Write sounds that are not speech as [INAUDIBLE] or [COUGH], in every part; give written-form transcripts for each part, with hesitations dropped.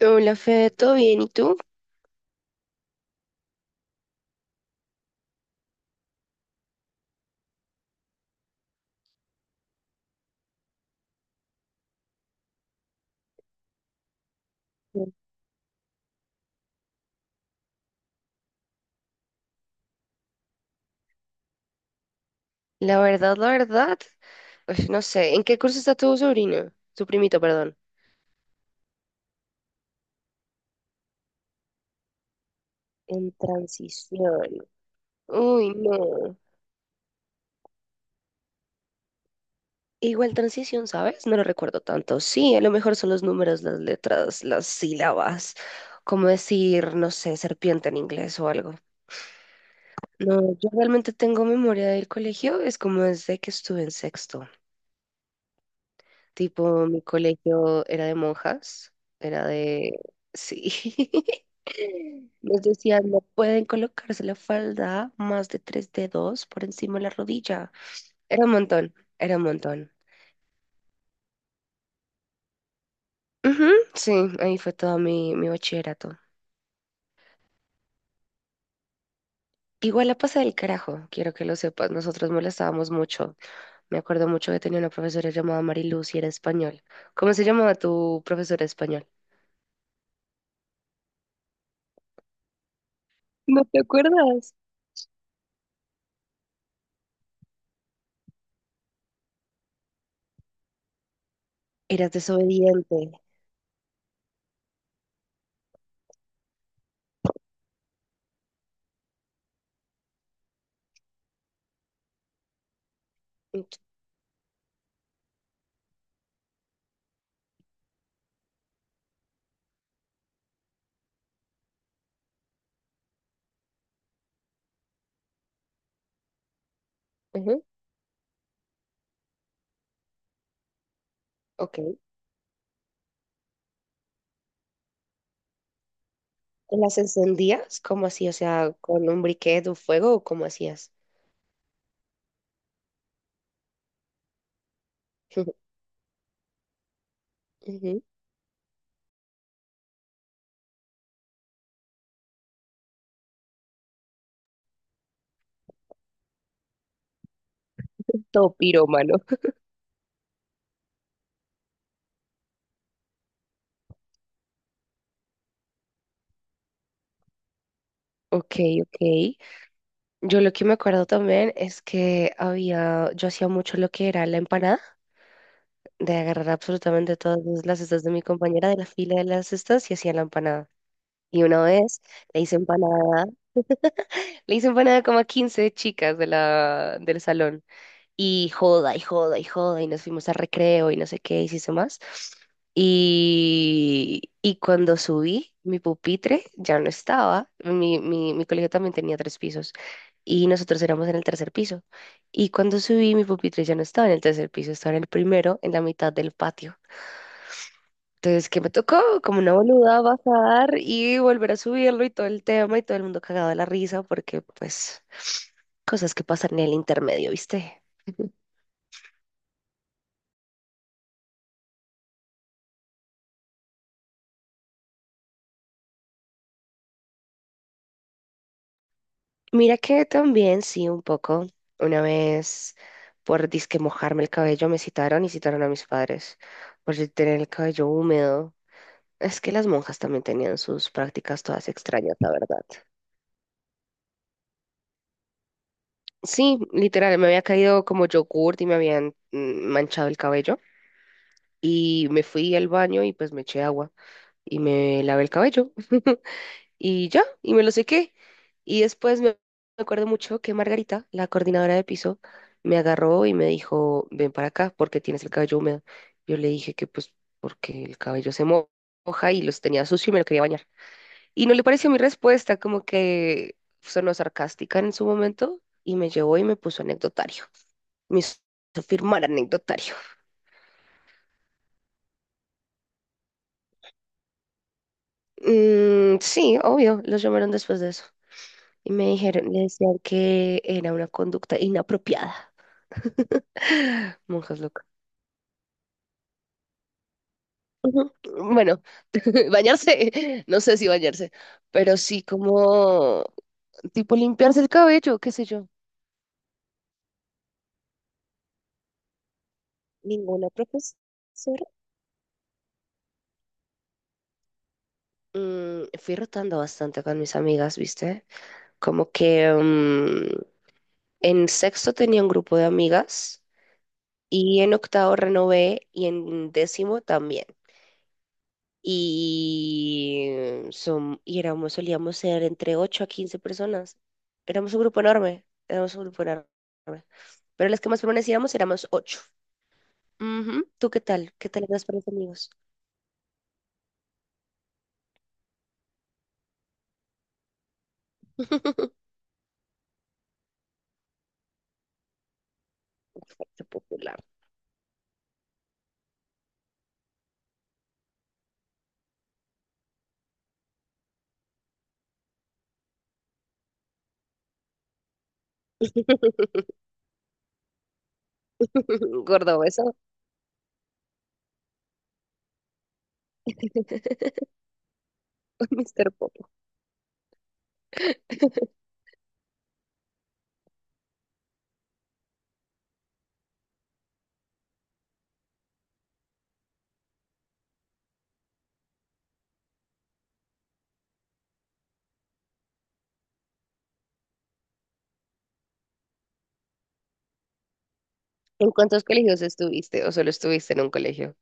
Hola, Fede, ¿todo bien? ¿Y tú? La verdad, pues no sé, ¿en qué curso está tu sobrino? Tu primito, perdón. En transición. Uy, no. Igual transición, ¿sabes? No lo recuerdo tanto. Sí, a lo mejor son los números, las letras, las sílabas, como decir, no sé, serpiente en inglés o algo. No, yo realmente tengo memoria del colegio, es como desde que estuve en sexto. Tipo, mi colegio era de monjas, era de... Sí. [LAUGHS] Nos decían, no pueden colocarse la falda más de tres dedos por encima de la rodilla. Era un montón, era un montón. Ujú, sí, ahí fue todo mi bachillerato. Igual la pasé del carajo, quiero que lo sepas. Nosotros molestábamos mucho. Me acuerdo mucho que tenía una profesora llamada Mariluz y era español. ¿Cómo se llamaba tu profesora de español? ¿No te acuerdas? Eras desobediente. Ujú. Ok. ¿Las encendías? ¿Cómo así? O sea, ¿con un briquet o fuego o cómo hacías? [LAUGHS] Ujú. Todo pirómano. Ok, ok. Yo lo que me acuerdo también es que había, yo hacía mucho lo que era la empanada, de agarrar absolutamente todas las cestas de mi compañera de la fila de las cestas y hacía la empanada. Y una vez le hice empanada, le hice empanada como a 15 chicas del salón. Y joda y joda y joda y nos fuimos a recreo y no sé qué hiciste más. Y cuando subí, mi pupitre ya no estaba. Mi colegio también tenía tres pisos y nosotros éramos en el tercer piso. Y cuando subí, mi pupitre ya no estaba en el tercer piso, estaba en el primero, en la mitad del patio. Entonces, ¿qué me tocó? Como una boluda bajar y volver a subirlo y todo el tema y todo el mundo cagado de la risa porque, pues, cosas que pasan en el intermedio, ¿viste? Mira que también, sí, un poco. Una vez, por disque mojarme el cabello, me citaron y citaron a mis padres por yo tener el cabello húmedo. Es que las monjas también tenían sus prácticas todas extrañas, la verdad. Sí, literal, me había caído como yogurt y me habían manchado el cabello. Y me fui al baño y pues me eché agua y me lavé el cabello. [LAUGHS] Y ya, y me lo sequé. Y después me acuerdo mucho que Margarita, la coordinadora de piso, me agarró y me dijo, ven para acá porque tienes el cabello húmedo. Yo le dije que pues porque el cabello moja y los tenía sucio y me lo quería bañar. Y no le pareció mi respuesta, como que sonó sarcástica en su momento y me llevó y me puso anecdotario. Me hizo firmar anecdotario. Mm, sí, obvio, los llamaron después de eso. Y me dijeron, le decían que era una conducta inapropiada. Monjas locas. Ujú. Bueno, [LAUGHS] bañarse, no sé si bañarse, pero sí como tipo limpiarse el cabello, qué sé yo. Ninguna profesora. Fui rotando bastante con mis amigas, ¿viste? Como que en sexto tenía un grupo de amigas y en octavo renové y en décimo también. y, Solíamos ser entre 8 a 15 personas. Éramos un grupo enorme, éramos un grupo enorme. Pero las que más permanecíamos éramos ocho. Ujú. ¿Tú qué tal? ¿Qué tal eras para los amigos? [LAUGHS] Fuerte Popular. [LAUGHS] Gordo beso. [LAUGHS] Mr. Popo. ¿En cuántos colegios estuviste o solo estuviste en un colegio?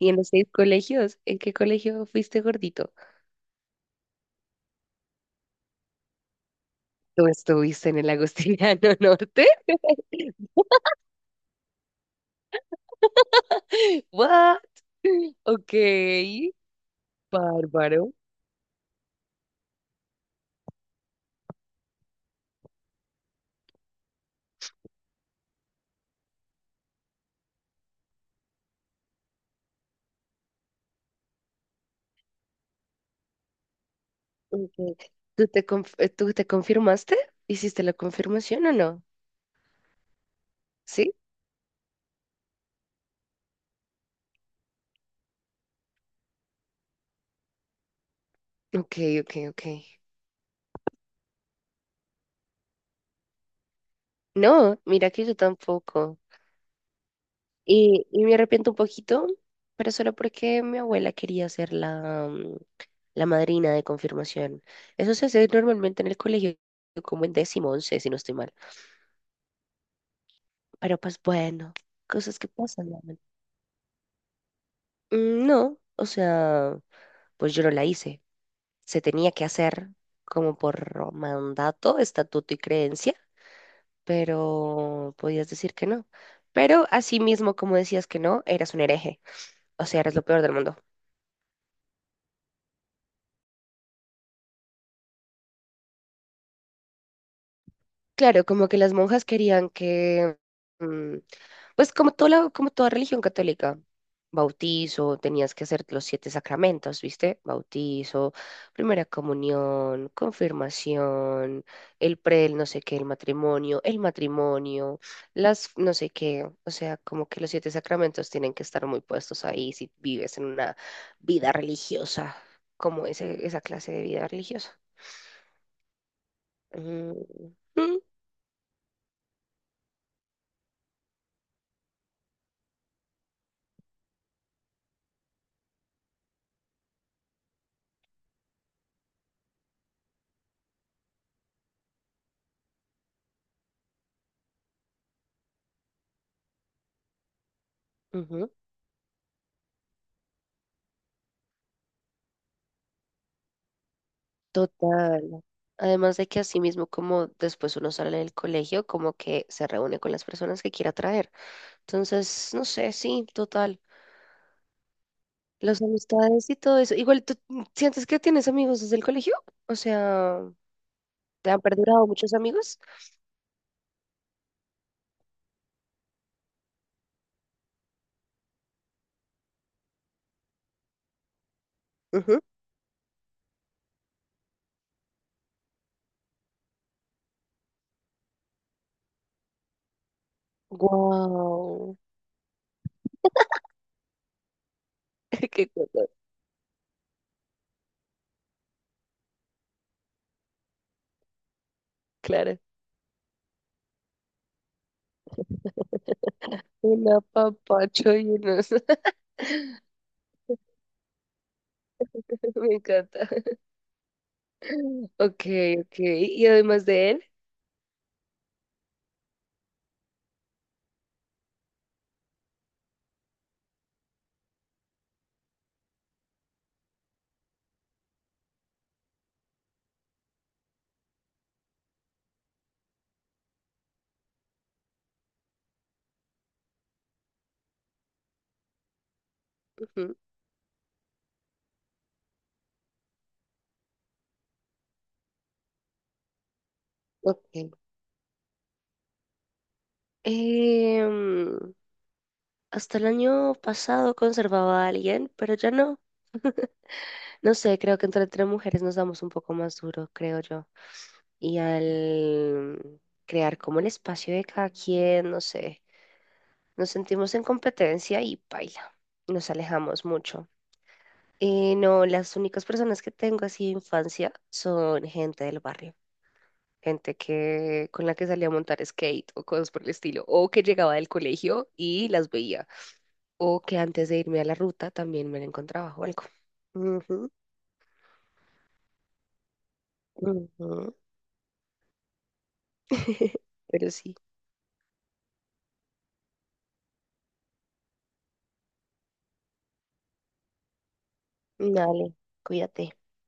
¿Y en los seis colegios? ¿En qué colegio fuiste gordito? ¿Tú estuviste en el Agustiniano [LAUGHS] Norte? [LAUGHS] What? Ok. Bárbaro. Ok. ¿Tú te confirmaste? ¿Hiciste la confirmación o no? ¿Sí? Ok, ok, ok. No, mira que yo tampoco. Y me arrepiento un poquito, pero solo porque mi abuela quería ser la madrina de confirmación. Eso se hace normalmente en el colegio, como en décimo, 11, si no estoy mal. Pero pues bueno, cosas que pasan, ¿no? Mm, no, o sea, pues yo no la hice. Se tenía que hacer como por mandato, estatuto y creencia, pero podías decir que no. Pero así mismo, como decías que no, eras un hereje, o sea, eras lo peor del mundo. Claro, como que las monjas querían que, mm, pues como toda como toda religión católica, bautizo, tenías que hacer los siete sacramentos, ¿viste? Bautizo, primera comunión, confirmación, el pre, el no sé qué, el matrimonio, las no sé qué, o sea, como que los siete sacramentos tienen que estar muy puestos ahí si vives en una vida religiosa, como esa clase de vida religiosa. Mm, mm. Ujú. Total. Además de que así mismo como después uno sale del colegio, como que se reúne con las personas que quiera traer. Entonces, no sé, sí, total. Las amistades y todo eso. Igual, ¿tú sientes que tienes amigos desde el colegio? O sea, ¿te han perdurado muchos amigos? Wow. [LAUGHS] Qué cosa, claro. Un apapacho y unos... [LAUGHS] Me encanta. [LAUGHS] Ok, ok. Y además de él, ujú, ok. Em, Hasta el año pasado conservaba a alguien, pero ya no. No sé, creo que entre tres mujeres nos damos un poco más duro, creo yo. Y al crear como el espacio de cada quien, no sé, nos sentimos en competencia y paila. Nos alejamos mucho. No, las únicas personas que tengo así de infancia son gente del barrio, gente que con la que salía a montar skate o cosas por el estilo, o que llegaba del colegio y las veía, o que antes de irme a la ruta también me la encontraba o algo. Ujú, ujú. [LAUGHS] Pero sí, dale, cuídate.